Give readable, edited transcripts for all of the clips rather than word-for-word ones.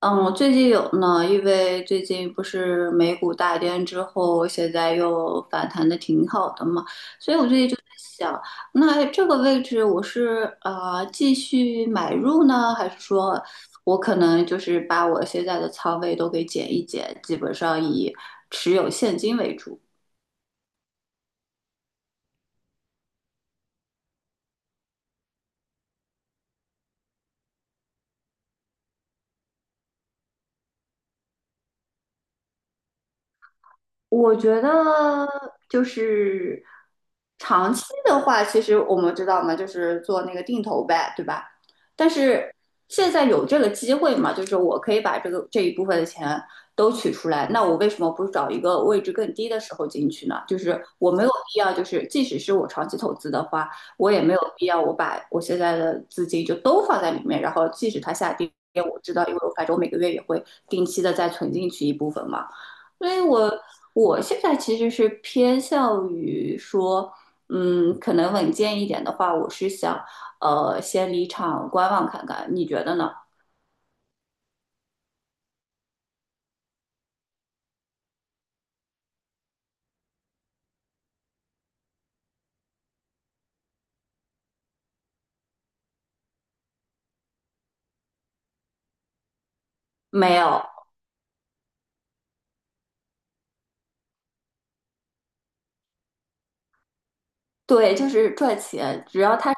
嗯，最近有呢，因为最近不是美股大跌之后，现在又反弹的挺好的嘛，所以我就想，那这个位置我是继续买入呢，还是说我可能就是把我现在的仓位都给减一减，基本上以持有现金为主？我觉得就是长期的话，其实我们知道嘛，就是做那个定投呗，对吧？但是现在有这个机会嘛，就是我可以把这一部分的钱都取出来，那我为什么不找一个位置更低的时候进去呢？就是我没有必要，就是即使是我长期投资的话，我也没有必要我把我现在的资金就都放在里面，然后即使它下跌，我知道，因为我反正我每个月也会定期的再存进去一部分嘛。所以我现在其实是偏向于说，嗯，可能稳健一点的话，我是想，先离场观望看看，你觉得呢？没有，对，就是赚钱，只要他，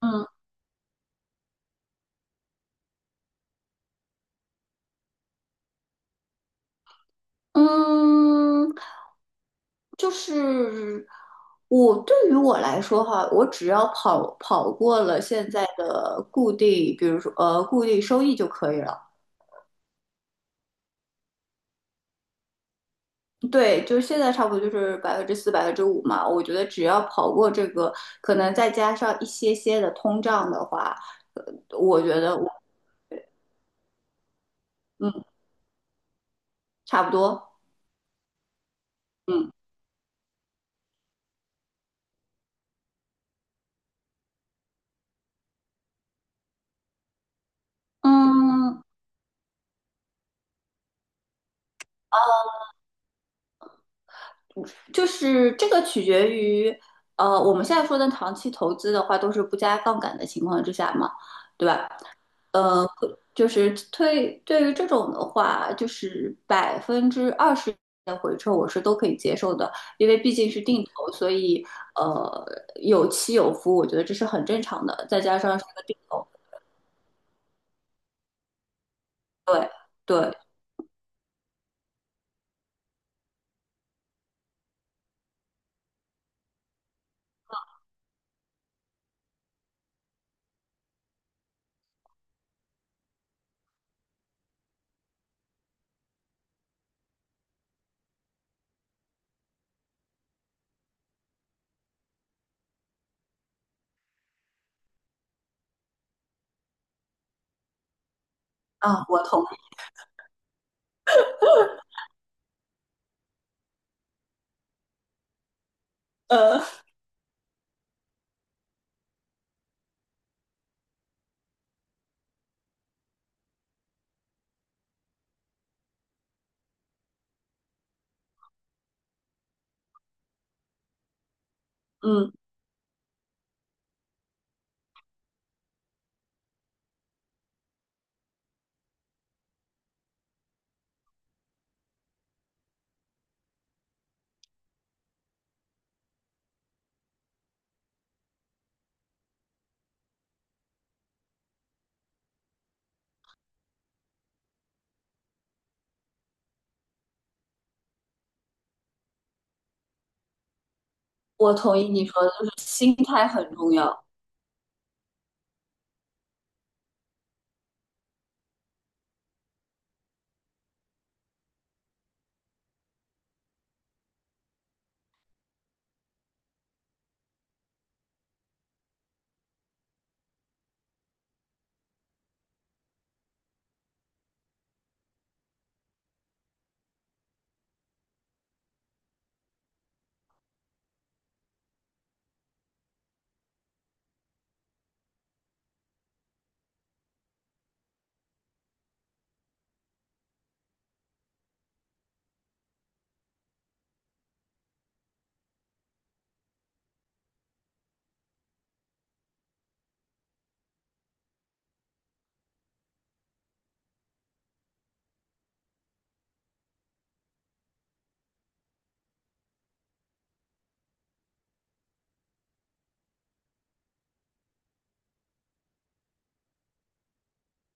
嗯嗯，就是我对于我来说哈，我只要跑过了现在的固定，比如说固定收益就可以了。对，就是现在差不多就是4%、5%嘛。我觉得只要跑过这个，可能再加上一些些的通胀的话，呃，我觉得我嗯差不多，嗯嗯，就是这个取决于我们现在说的长期投资的话，都是不加杠杆的情况之下嘛，对吧？呃，就是对于这种的话，就是20%的回撤我是都可以接受的，因为毕竟是定投，所以呃有起有伏，我觉得这是很正常的。再加上是个定投，对对啊，呃嗯，我同意你说的，就是心态很重要。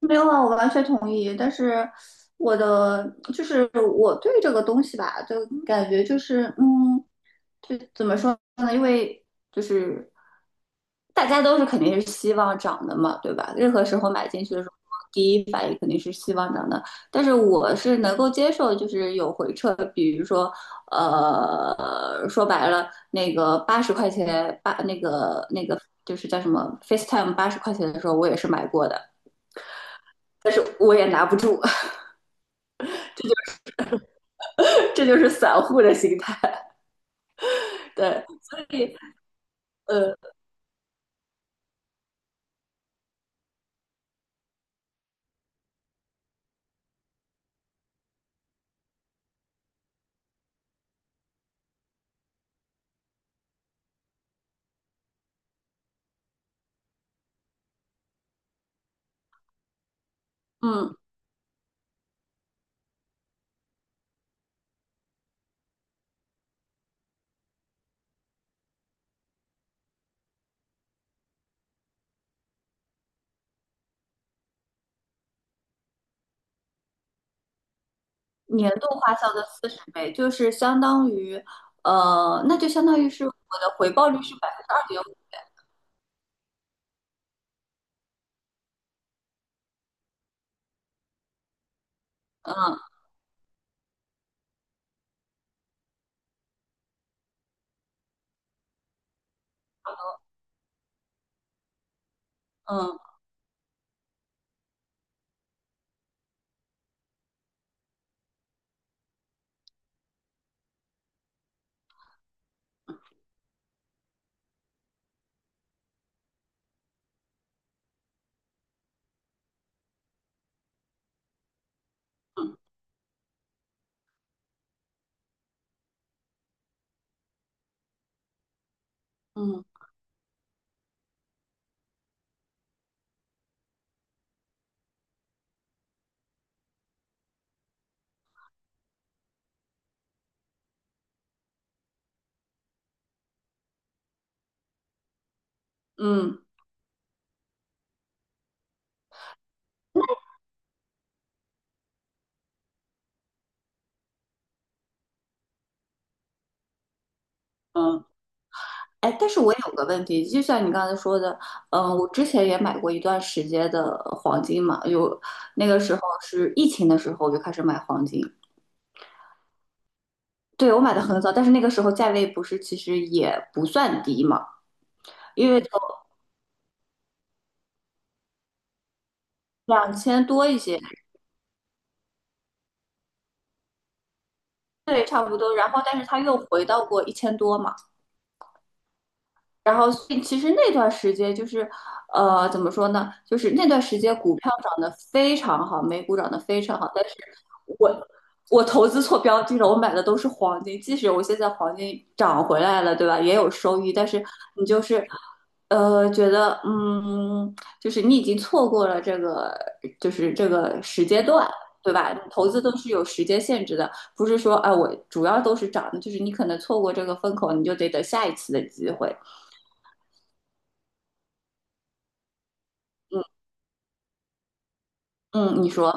没有啊，我完全同意。但是我的就是我对这个东西吧，就感觉就是，就怎么说呢？因为就是大家都是肯定是希望涨的嘛，对吧？任何时候买进去的时候，第一反应肯定是希望涨的。但是我是能够接受，就是有回撤，比如说说白了，那个八十块钱八那个那个就是叫什么 FaceTime 八十块钱的时候，我也是买过的。但是我也拿不住，这就是散户的心态。对，所以呃嗯，年度花销的40倍就是相当于那就相当于是我的回报率是2.5%。嗯嗯嗯嗯嗯嗯。哎，但是我有个问题，就像你刚才说的，嗯，我之前也买过一段时间的黄金嘛，有那个时候是疫情的时候我就开始买黄金，对，我买的很早，但是那个时候价位不是其实也不算低嘛，因为从2000多一些，对，差不多。然后，但是他又回到过1000多嘛。然后所以其实那段时间就是，怎么说呢？就是那段时间股票涨得非常好，美股涨得非常好，但是我我投资错标的了，我买的都是黄金，即使我现在黄金涨回来了，对吧？也有收益，但是你就是。觉得就是你已经错过了这个，就是这个时间段，对吧？你投资都是有时间限制的，不是说，啊，我主要都是涨的，就是你可能错过这个风口，你就得等下一次的机会。嗯。嗯，你说，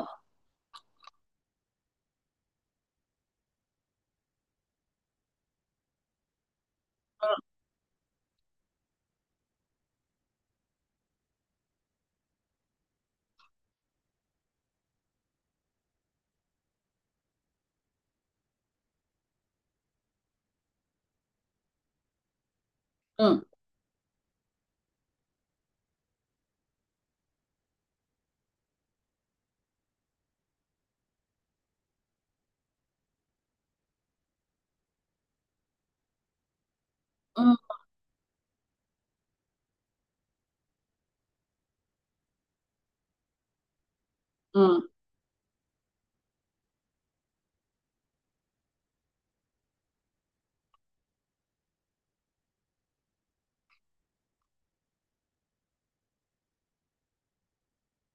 嗯嗯嗯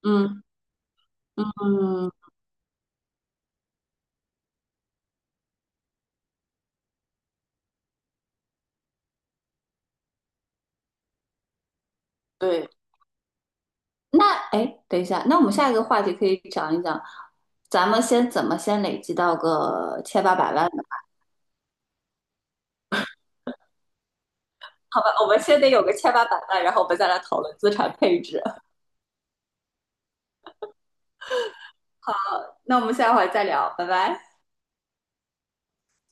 嗯嗯，对。那哎，等一下，那我们下一个话题可以讲一讲，咱们先怎么先累积到个千八百万呢？好吧，我们先得有个千八百万，然后我们再来讨论资产配置。那我们下回再聊，拜拜。